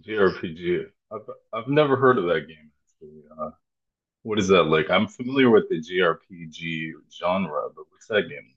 G have I've I've never heard of that game actually. What is that like? I'm familiar with the G R P G genre, but what's that game?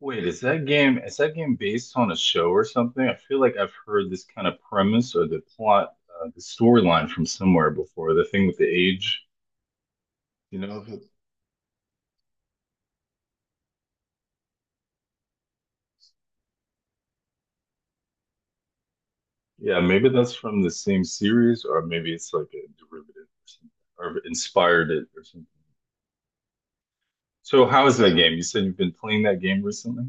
Wait, is that game based on a show or something? I feel like I've heard this kind of premise or the plot, the storyline from somewhere before. The thing with the age, you know? If it- Yeah, maybe that's from the same series, or maybe it's like a derivative or something, or inspired it or something. So, how is that game? You said you've been playing that game recently?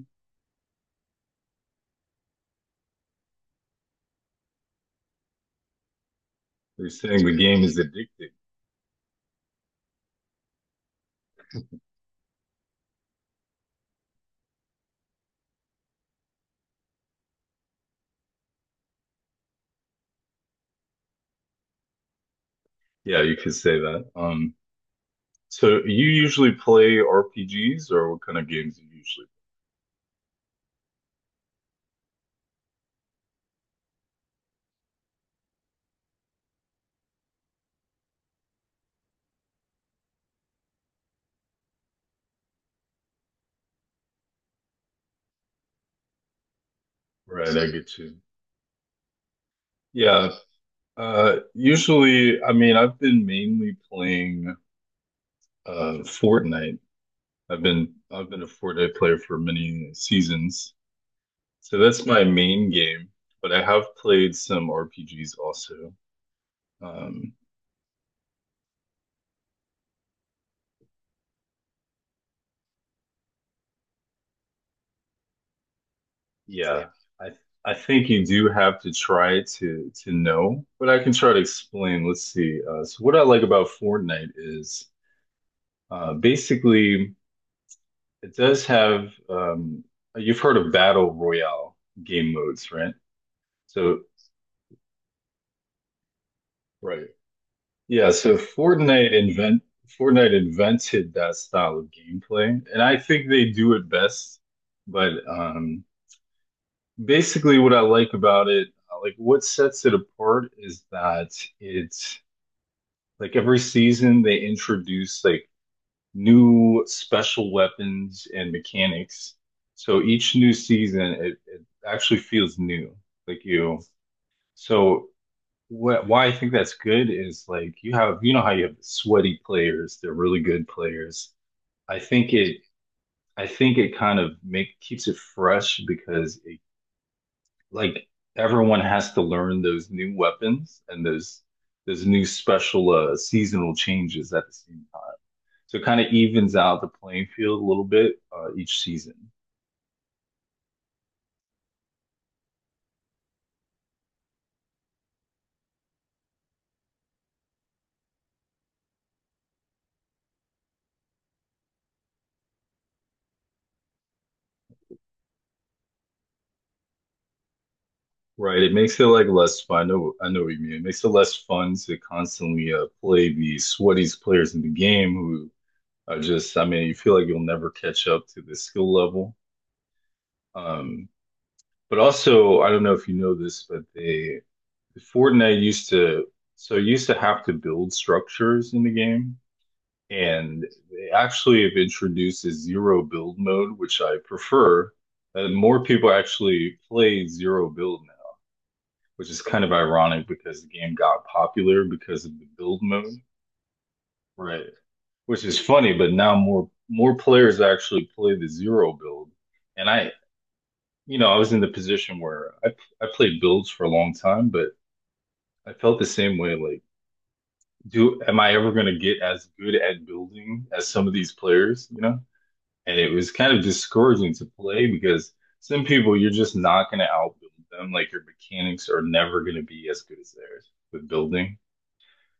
You're saying the game is addictive. Yeah, you could say that. So you usually play RPGs or what kind of games do you usually play? Right, I get you. Yeah. Usually, I mean, I've been mainly playing Fortnite. I've been a Fortnite player for many seasons. So that's my main game, but I have played some RPGs also. Um, Yeah, I I think you do have to try to know, but I can try to explain. Let's see. So what I like about Fortnite is basically it does have you've heard of battle royale game modes, right? So right, So Fortnite invented that style of gameplay, and I think they do it best. But basically what I like about it, like what sets it apart is that it's like every season they introduce like new special weapons and mechanics. So each new season it actually feels new. Like you so what why I think that's good is like you have, you know how you have sweaty players, they're really good players. I think it I think it kind of make keeps it fresh because it like everyone has to learn those new weapons and those new special seasonal changes at the same time. So it kind of evens out the playing field a little bit each season, right? It makes it like less fun. I know what you mean. It makes it less fun to constantly play the sweatiest players in the game who are just, I mean, you feel like you'll never catch up to the skill level. Um, but also, I don't know if you know this, but they Fortnite used to so used to have to build structures in the game, and they actually have introduced a zero build mode, which I prefer. More people actually play zero build now, which is kind of ironic because the game got popular because of the build mode, right? Which is funny, but now more players actually play the zero build, and you know, I was in the position where I played builds for a long time, but I felt the same way like do am I ever going to get as good at building as some of these players, you know? And it was kind of discouraging to play because some people you're just not going to outbuild them. Like your mechanics are never going to be as good as theirs with building.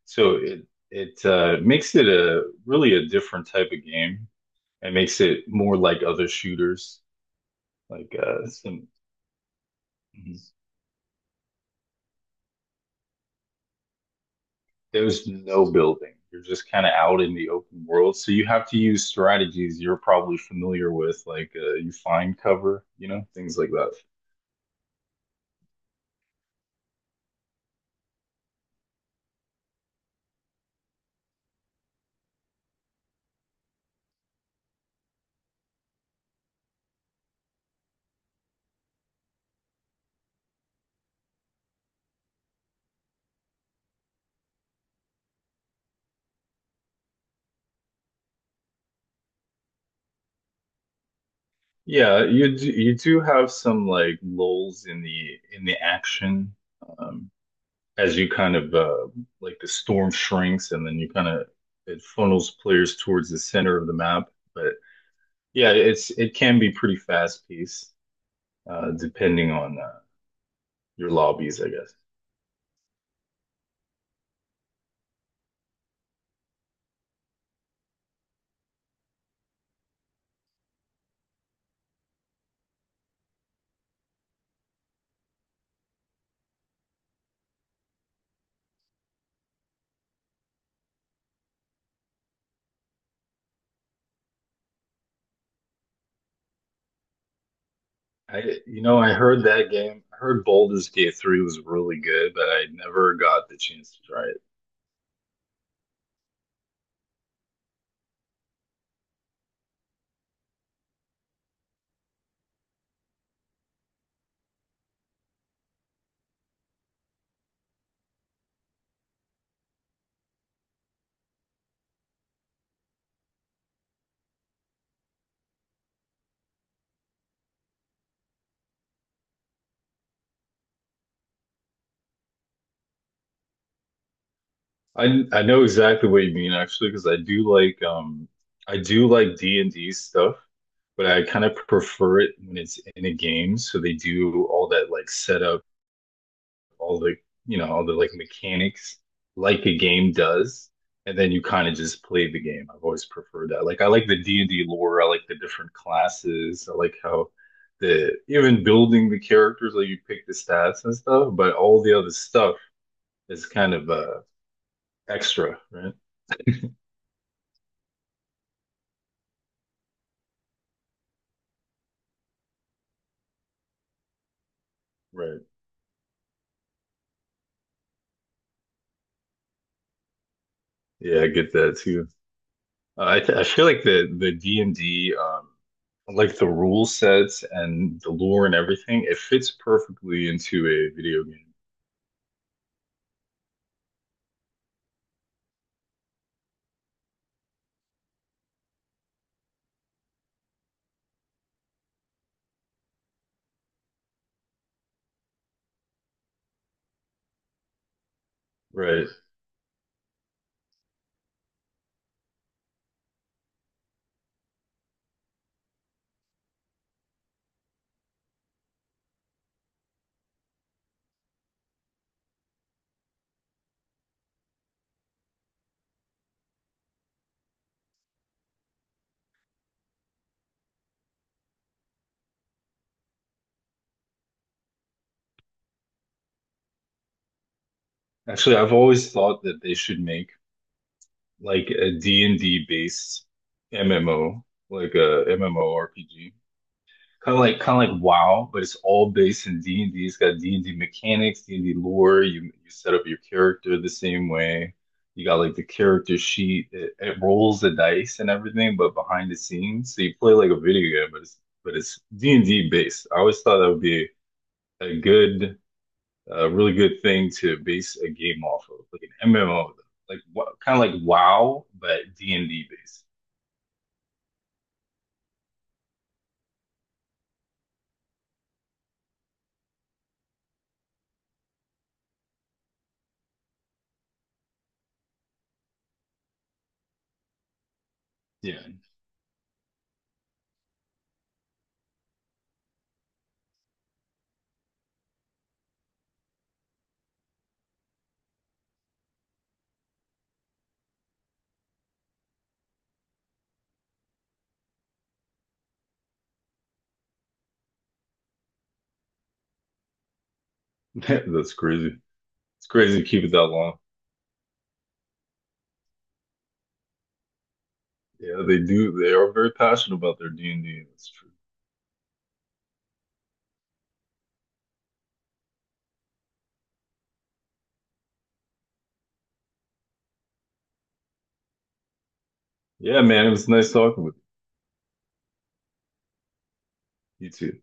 So it makes it a different type of game. It makes it more like other shooters, like some mm-hmm. There's no building. You're just kind of out in the open world. So you have to use strategies you're probably familiar with, like you find cover, you know, things like that. Yeah, you do have some like lulls in the action um, as you kind of like the storm shrinks and then you kind of it funnels players towards the center of the map. But yeah, it can be pretty fast paced depending on your lobbies, I guess. You know, I heard that game. I heard Baldur's Gate 3 was really good, but I never got the chance to try it. I know exactly what you mean actually, because I do like D&D stuff, but I kind of prefer it when it's in a game. So they do all that like setup, all the, you know, all the like mechanics like a game does, and then you kind of just play the game. I've always preferred that. Like I like the D&D lore. I like the different classes. I like how the even building the characters, like you pick the stats and stuff, but all the other stuff is kind of extra, right? Right. Yeah, I get that too. I feel like the D&D like the rule sets and the lore and everything, it fits perfectly into a video game. Right. Actually, I've always thought that they should make like a D and d based MMO, like a MMORPG. Kind of like WoW, but it's all based in D&D. It's got D&D mechanics, D&D lore. You set up your character the same way. You got like the character sheet. It rolls the dice and everything, but behind the scenes. So you play like a video game, but it's D&D based. I always thought that would be a good a really good thing to base a game off of, like an MMO, like kind of like WoW, but D and D based. Yeah, that's crazy. It's crazy to keep it that long. Yeah, they do. They are very passionate about their D and D. That's true. Yeah, man, it was nice talking with you. You too.